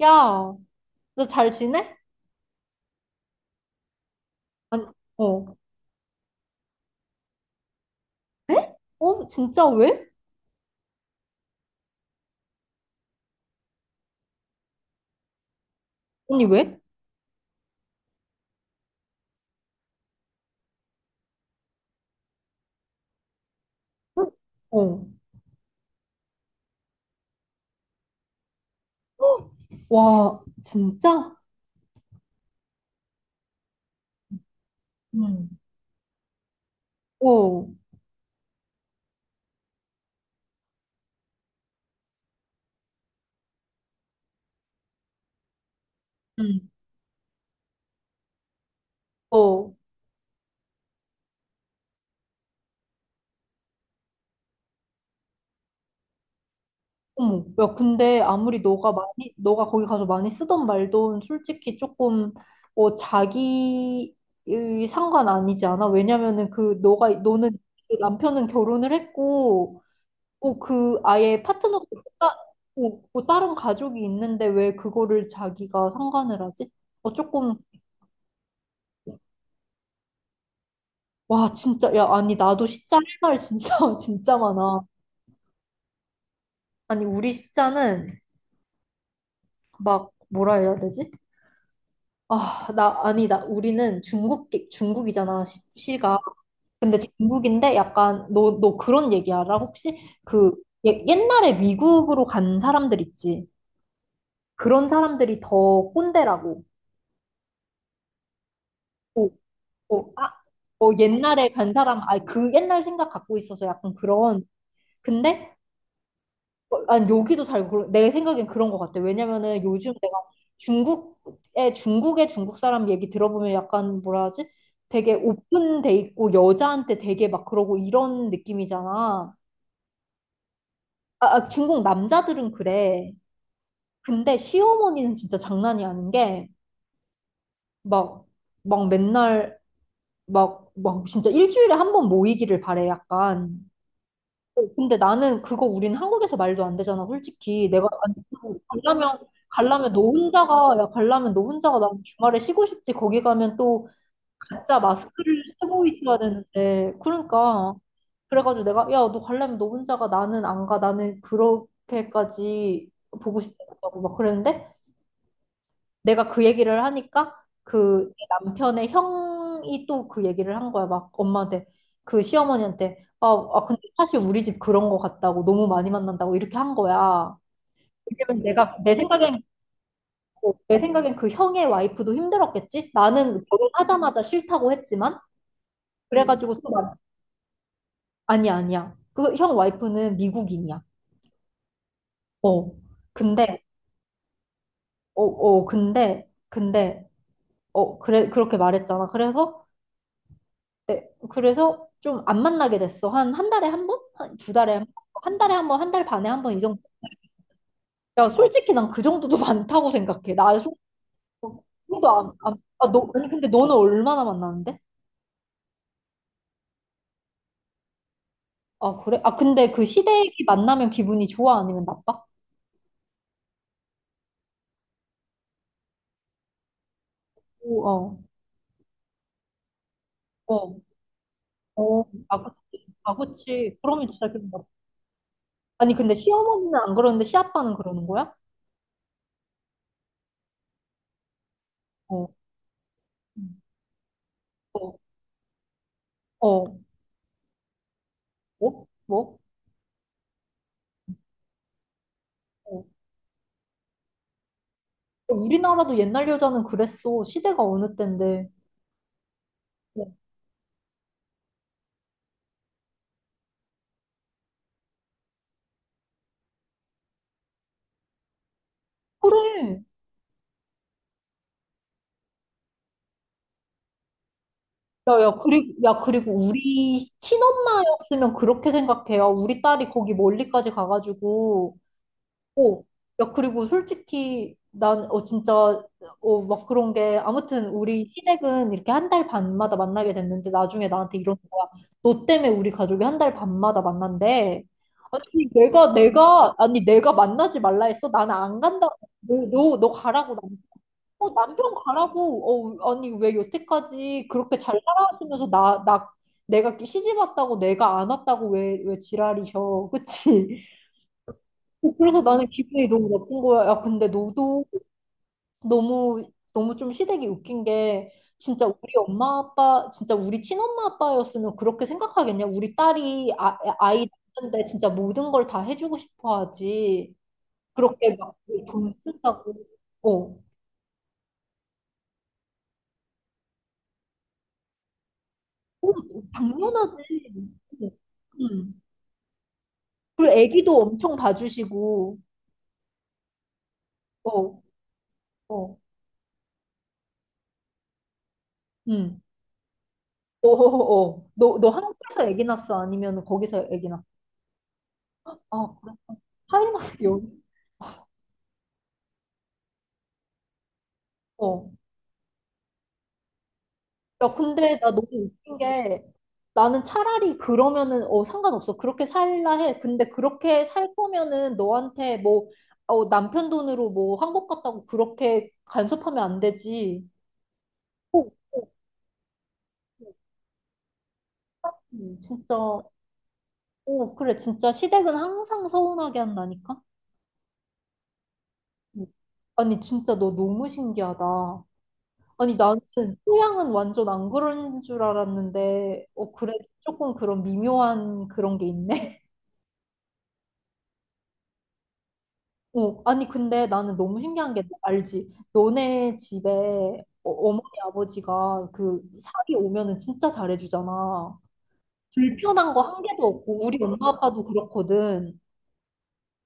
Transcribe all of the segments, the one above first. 야, 너 잘 지내? 아니, 어. 에? 어, 진짜 왜? 언니 왜? 응? 어. 헉! 와, 진짜? 응. 어. 응. 어. 어머. 야, 근데 아무리 너가 거기 가서 많이 쓰던 말도 솔직히 조금, 자기의 상관 아니지 않아? 왜냐면은 너는, 그 남편은 결혼을 했고, 그 아예 파트너가 따, 어, 다른 가족이 있는데 왜 그거를 자기가 상관을 하지? 조금 와, 진짜. 야, 아니, 나도 시짜 할 말 진짜 진짜 많아. 아니, 우리 시자는 막 뭐라 해야 되지? 아, 나, 아니, 나 우리는 중국이잖아 시가. 근데 중국인데 약간 너 그런 얘기 알아? 혹시 그 옛날에 미국으로 간 사람들 있지? 그런 사람들이 더 꼰대라고. 어, 어, 아, 옛날에 간 사람, 그 옛날 생각 갖고 있어서 약간 그런. 근데, 난 여기도 그르내 생각엔 그런 것 같아. 왜냐면은 요즘 내가 중국의 중국 사람 얘기 들어보면 약간 뭐라 하지? 되게 오픈돼 있고 여자한테 되게 막 그러고 이런 느낌이잖아. 아, 아, 중국 남자들은 그래. 근데 시어머니는 진짜 장난이 아닌 게, 막, 막 맨날, 막, 막 진짜 일주일에 한 번 모이기를 바래, 약간. 근데 나는 그거 우린 한국에서 말도 안 되잖아, 솔직히. 내가, 아니, 그 갈라면, 갈라면 너 혼자가 난 주말에 쉬고 싶지. 거기 가면 또 가짜 마스크를 쓰고 있어야 되는데. 그러니까. 그래가지고 내가, 야, 너 갈라면 너 혼자가 나는 안 가. 나는 그렇게까지 보고 싶다고 막 그랬는데, 내가 그 얘기를 하니까 그내 남편의 형이 또 그 얘기를 한 거야. 막 엄마한테 그 시어머니한테 아, 아 근데 사실 우리 집 그런 거 같다고 너무 많이 만난다고 이렇게 한 거야. 왜냐면 내가 내 생각엔 그 형의 와이프도 힘들었겠지? 나는 결혼하자마자 싫다고 했지만 그래가지고 또 아니야, 아니야. 그 형 와이프는 미국인이야. 어. 근데 근데 어, 그래, 그렇게 말했잖아. 그래서 네, 그래서 좀 안 만나게 됐어. 한 달에 한 번? 한 두 달에 한 번? 한 달에 한 번, 한 달 반에 한 번 이 정도. 야, 솔직히 난 그 정도도 많다고 생각해. 나 솔직히 그도 안, 아, 너, 아니, 근데 너는 얼마나 만나는데? 아, 그래? 아, 근데 그 시댁이 만나면 기분이 좋아? 아니면 나빠? 오, 어, 어, 어. 아, 그치. 아, 그치. 그러면 진짜 기분 나빠. 아니, 근데 시어머니는 안 그러는데 시아빠는 그러는 거야? 어, 어, 어, 뭐? 뭐? 어? 우리나라도 옛날 여자는 그랬어. 시대가 어느 때인데. 야, 그래. 야, 야, 그리고 우리 친엄마였으면 그렇게 생각해요. 우리 딸이 거기 멀리까지 가가지고. 어, 야, 그리고 솔직히 난, 진짜, 막 그런 게, 아무튼 우리 시댁은 이렇게 한 달 반마다 만나게 됐는데 나중에 나한테 이러는 거야. 너 때문에 우리 가족이 한 달 반마다 만난대. 아니, 내가, 아니, 내가 만나지 말라 했어? 나는 안 간다. 너 가라고. 남편 가라고. 아니, 왜 여태까지 그렇게 잘 살아왔으면서 나, 내가 시집 왔다고 내가 안 왔다고 왜 지랄이셔. 그치? 그래서 나는 기분이 너무 나쁜 거야. 야, 근데 너도 너무, 너무 좀 시댁이 웃긴 게 진짜 우리 친엄마 아빠였으면 그렇게 생각하겠냐? 우리 딸이 아이 낳는데 진짜 모든 걸 다 해주고 싶어 하지. 그렇게 막 돈 쓴다고. 어. 어, 당연하지. 음. 그리고 애기도 엄청 봐주시고, 어, 어, 음. 어, 어, 어. 너 한국에서 애기 낳았어? 아니면 거기서 애기 낳았어? 아, 그래? 타일란드 여기? 어. 야, 근데 나 너무 웃긴 게 나는 차라리 그러면은 상관없어. 그렇게 살라 해. 근데 그렇게 살 거면은 너한테 뭐, 남편 돈으로 뭐 한국 갔다고 그렇게 간섭하면 안 되지. 어, 어, 어. 진짜. 오, 그래. 진짜 시댁은 항상 서운하게 한다니까? 음. 아니, 진짜 너 너무 신기하다. 아니, 나는 소양은 완전 안 그런 줄 알았는데, 그래. 조금 그런 미묘한 그런 게 있네. 아니, 근데 나는 너무 신기한 게 알지? 너네 집에 어머니, 아버지가 그 살이 오면은 진짜 잘해주잖아. 불편한 거 한 개도 없고, 우리 엄마 아빠도 그렇거든.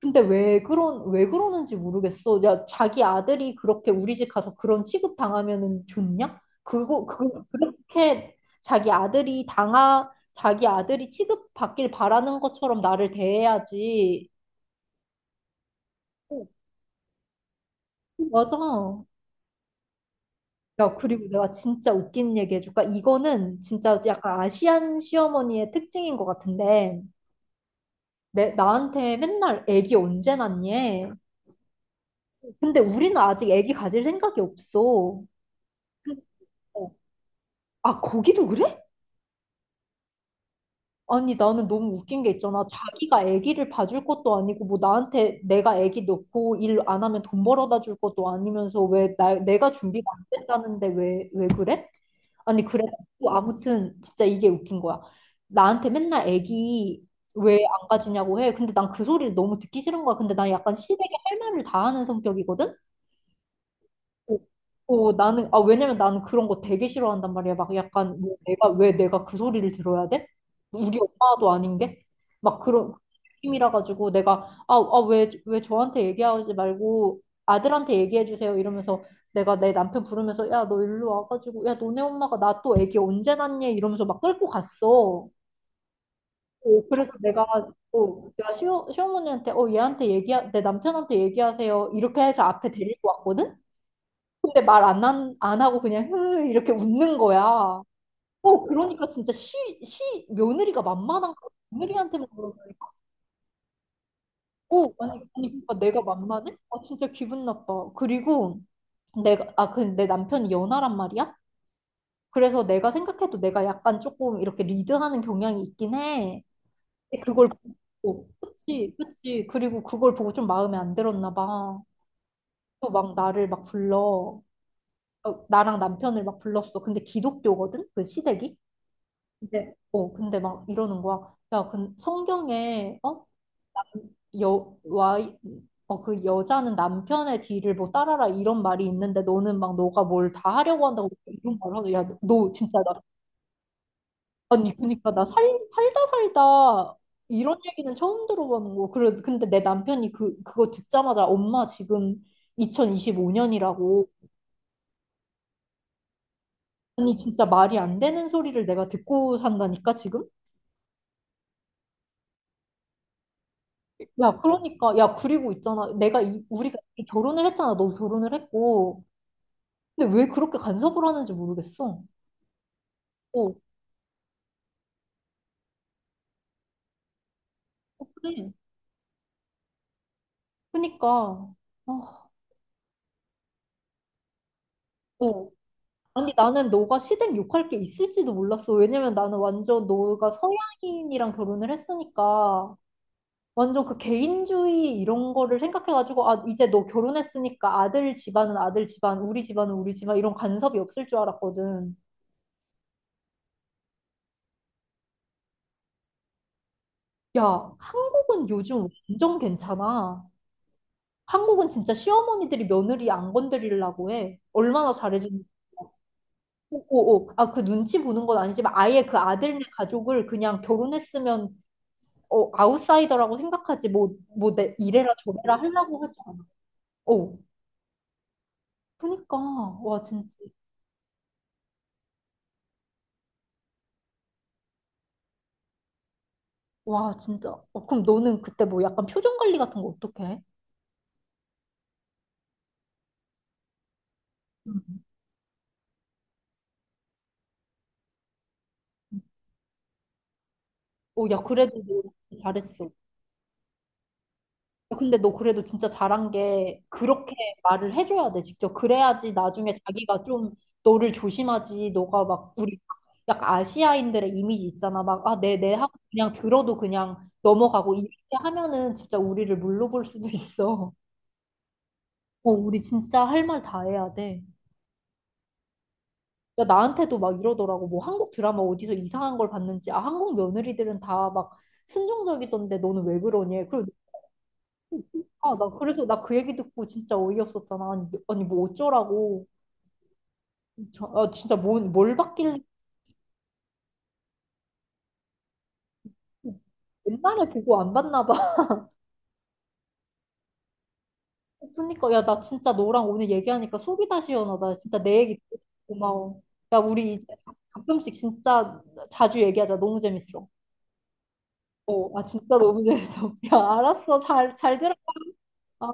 근데 왜 그러는지 모르겠어. 야, 자기 아들이 그렇게 우리 집 가서 그런 취급 당하면은 좋냐? 그거 그 그렇게 자기 아들이 취급받길 바라는 것처럼 나를 대해야지. 어, 맞아. 야, 그리고 내가 진짜 웃긴 얘기 해줄까? 이거는 진짜 약간 아시안 시어머니의 특징인 것 같은데, 나한테 맨날 애기 언제 낳니? 근데 우리는 아직 애기 가질 생각이 없어. 아, 거기도 그래? 아니, 나는 너무 웃긴 게 있잖아. 자기가 아기를 봐줄 것도 아니고, 뭐, 나한테 내가 아기 넣고 일 안 하면 돈 벌어다 줄 것도 아니면서 왜 내가 준비가 안 됐다는데 왜 그래? 아니, 그래. 아무튼, 진짜 이게 웃긴 거야. 나한테 맨날 아기 왜 안 가지냐고 해. 근데 난 그 소리를 너무 듣기 싫은 거야. 근데 난 약간 시댁에 할 말을 다 하는 성격이거든? 어, 왜냐면 나는 그런 거 되게 싫어한단 말이야. 막 약간, 뭐 왜 내가 그 소리를 들어야 돼? 우리 엄마도 아닌 게? 막 그런 느낌이라 가지고 내가, 왜 저한테 얘기하지 말고 아들한테 얘기해 주세요. 이러면서 내가 내 남편 부르면서, 야, 너 일로 와가지고, 야, 너네 엄마가 나 또 애기 언제 낳니? 이러면서 막 끌고 갔어. 그래서 내가, 시어머니한테, 얘한테 얘기 내 남편한테 얘기하세요. 이렇게 해서 앞에 데리고 왔거든? 근데 말 안 하고 그냥 흐 이렇게 웃는 거야. 그러니까 진짜 시, 시 며느리가 만만한 거 며느리한테만 그러는 거 아니, 아니, 그러니까 내가 만만해? 아, 진짜 기분 나빠. 그리고 내가 아 그 내 남편이 연하란 말이야. 그래서 내가 생각해도 내가 약간 조금 이렇게 리드하는 경향이 있긴 해. 근데 그걸 보고, 그치, 그치, 그리고 그걸 보고 좀 마음에 안 들었나 봐. 또 막 나를 막 불러 나랑 남편을 막 불렀어. 근데 기독교거든 그 시댁이. 근데 막 이러는 거야. 야, 근 성경에, 어? 와, 그 여자는 남편의 뒤를 뭐 따라라 이런 말이 있는데 너는 막 너가 뭘 다 하려고 한다고 이런 말을 하고, 야, 너 진짜 나, 아니, 그니까 나 살다 살다 이런 얘기는 처음 들어보는 거. 그래, 근데 내 남편이 그거 듣자마자 엄마 지금 2025년이라고. 아니, 진짜 말이 안 되는 소리를 내가 듣고 산다니까, 지금? 야, 그러니까, 야, 그리고 있잖아. 우리가 이 결혼을 했잖아. 너 결혼을 했고. 근데 왜 그렇게 간섭을 하는지 모르겠어. 어, 어, 그래. 그니까. 아, 어. 아니, 나는 너가 시댁 욕할 게 있을지도 몰랐어. 왜냐면 나는 완전 너가 서양인이랑 결혼을 했으니까. 완전 그 개인주의 이런 거를 생각해가지고, 아, 이제 너 결혼했으니까 아들 집안은 아들 집안, 우리 집안은 우리 집안, 이런 간섭이 없을 줄 알았거든. 야, 한국은 요즘 완전 괜찮아. 한국은 진짜 시어머니들이 며느리 안 건드리려고 해. 얼마나 잘해주는지. 오, 오, 오. 아, 그 눈치 보는 건 아니지만 아예 그 아들네 가족을 그냥 결혼했으면 아웃사이더라고 생각하지. 뭐, 뭐, 내 이래라 저래라 하려고 하지 않아. 어, 그니까. 와, 진짜. 와, 진짜. 어, 그럼 너는 그때 뭐 약간 표정 관리 같은 거 어떻게 해? 음. 어, 야, 그래도 너 잘했어. 아, 근데 너 그래도 진짜 잘한 게 그렇게 말을 해줘야 돼, 직접. 그래야지 나중에 자기가 좀 너를 조심하지. 너가 막 우리 약간 아시아인들의 이미지 있잖아. 막, 아, 네, 네 하고 그냥 들어도 그냥 넘어가고 이렇게 하면은 진짜 우리를 물러볼 수도 있어. 어, 우리 진짜 할 말 다 해야 돼. 야, 나한테도 막 이러더라고. 뭐 한국 드라마 어디서 이상한 걸 봤는지. 아, 한국 며느리들은 다 막 순종적이던데 너는 왜 그러니? 그리고 아, 나 그래서 나 그 얘기 듣고 진짜 어이없었잖아. 아니, 아니, 뭐 어쩌라고. 아, 진짜 뭘 받길래 옛날에 보고 안 봤나 봐. 그러니까 야, 나 진짜 너랑 오늘 얘기하니까 속이 다 시원하다. 진짜 내 얘기 듣고 고마워. 야, 우리 이제 가끔씩 진짜 자주 얘기하자. 너무 재밌어. 아, 진짜 너무 재밌어. 야, 알았어. 잘 들어. 아.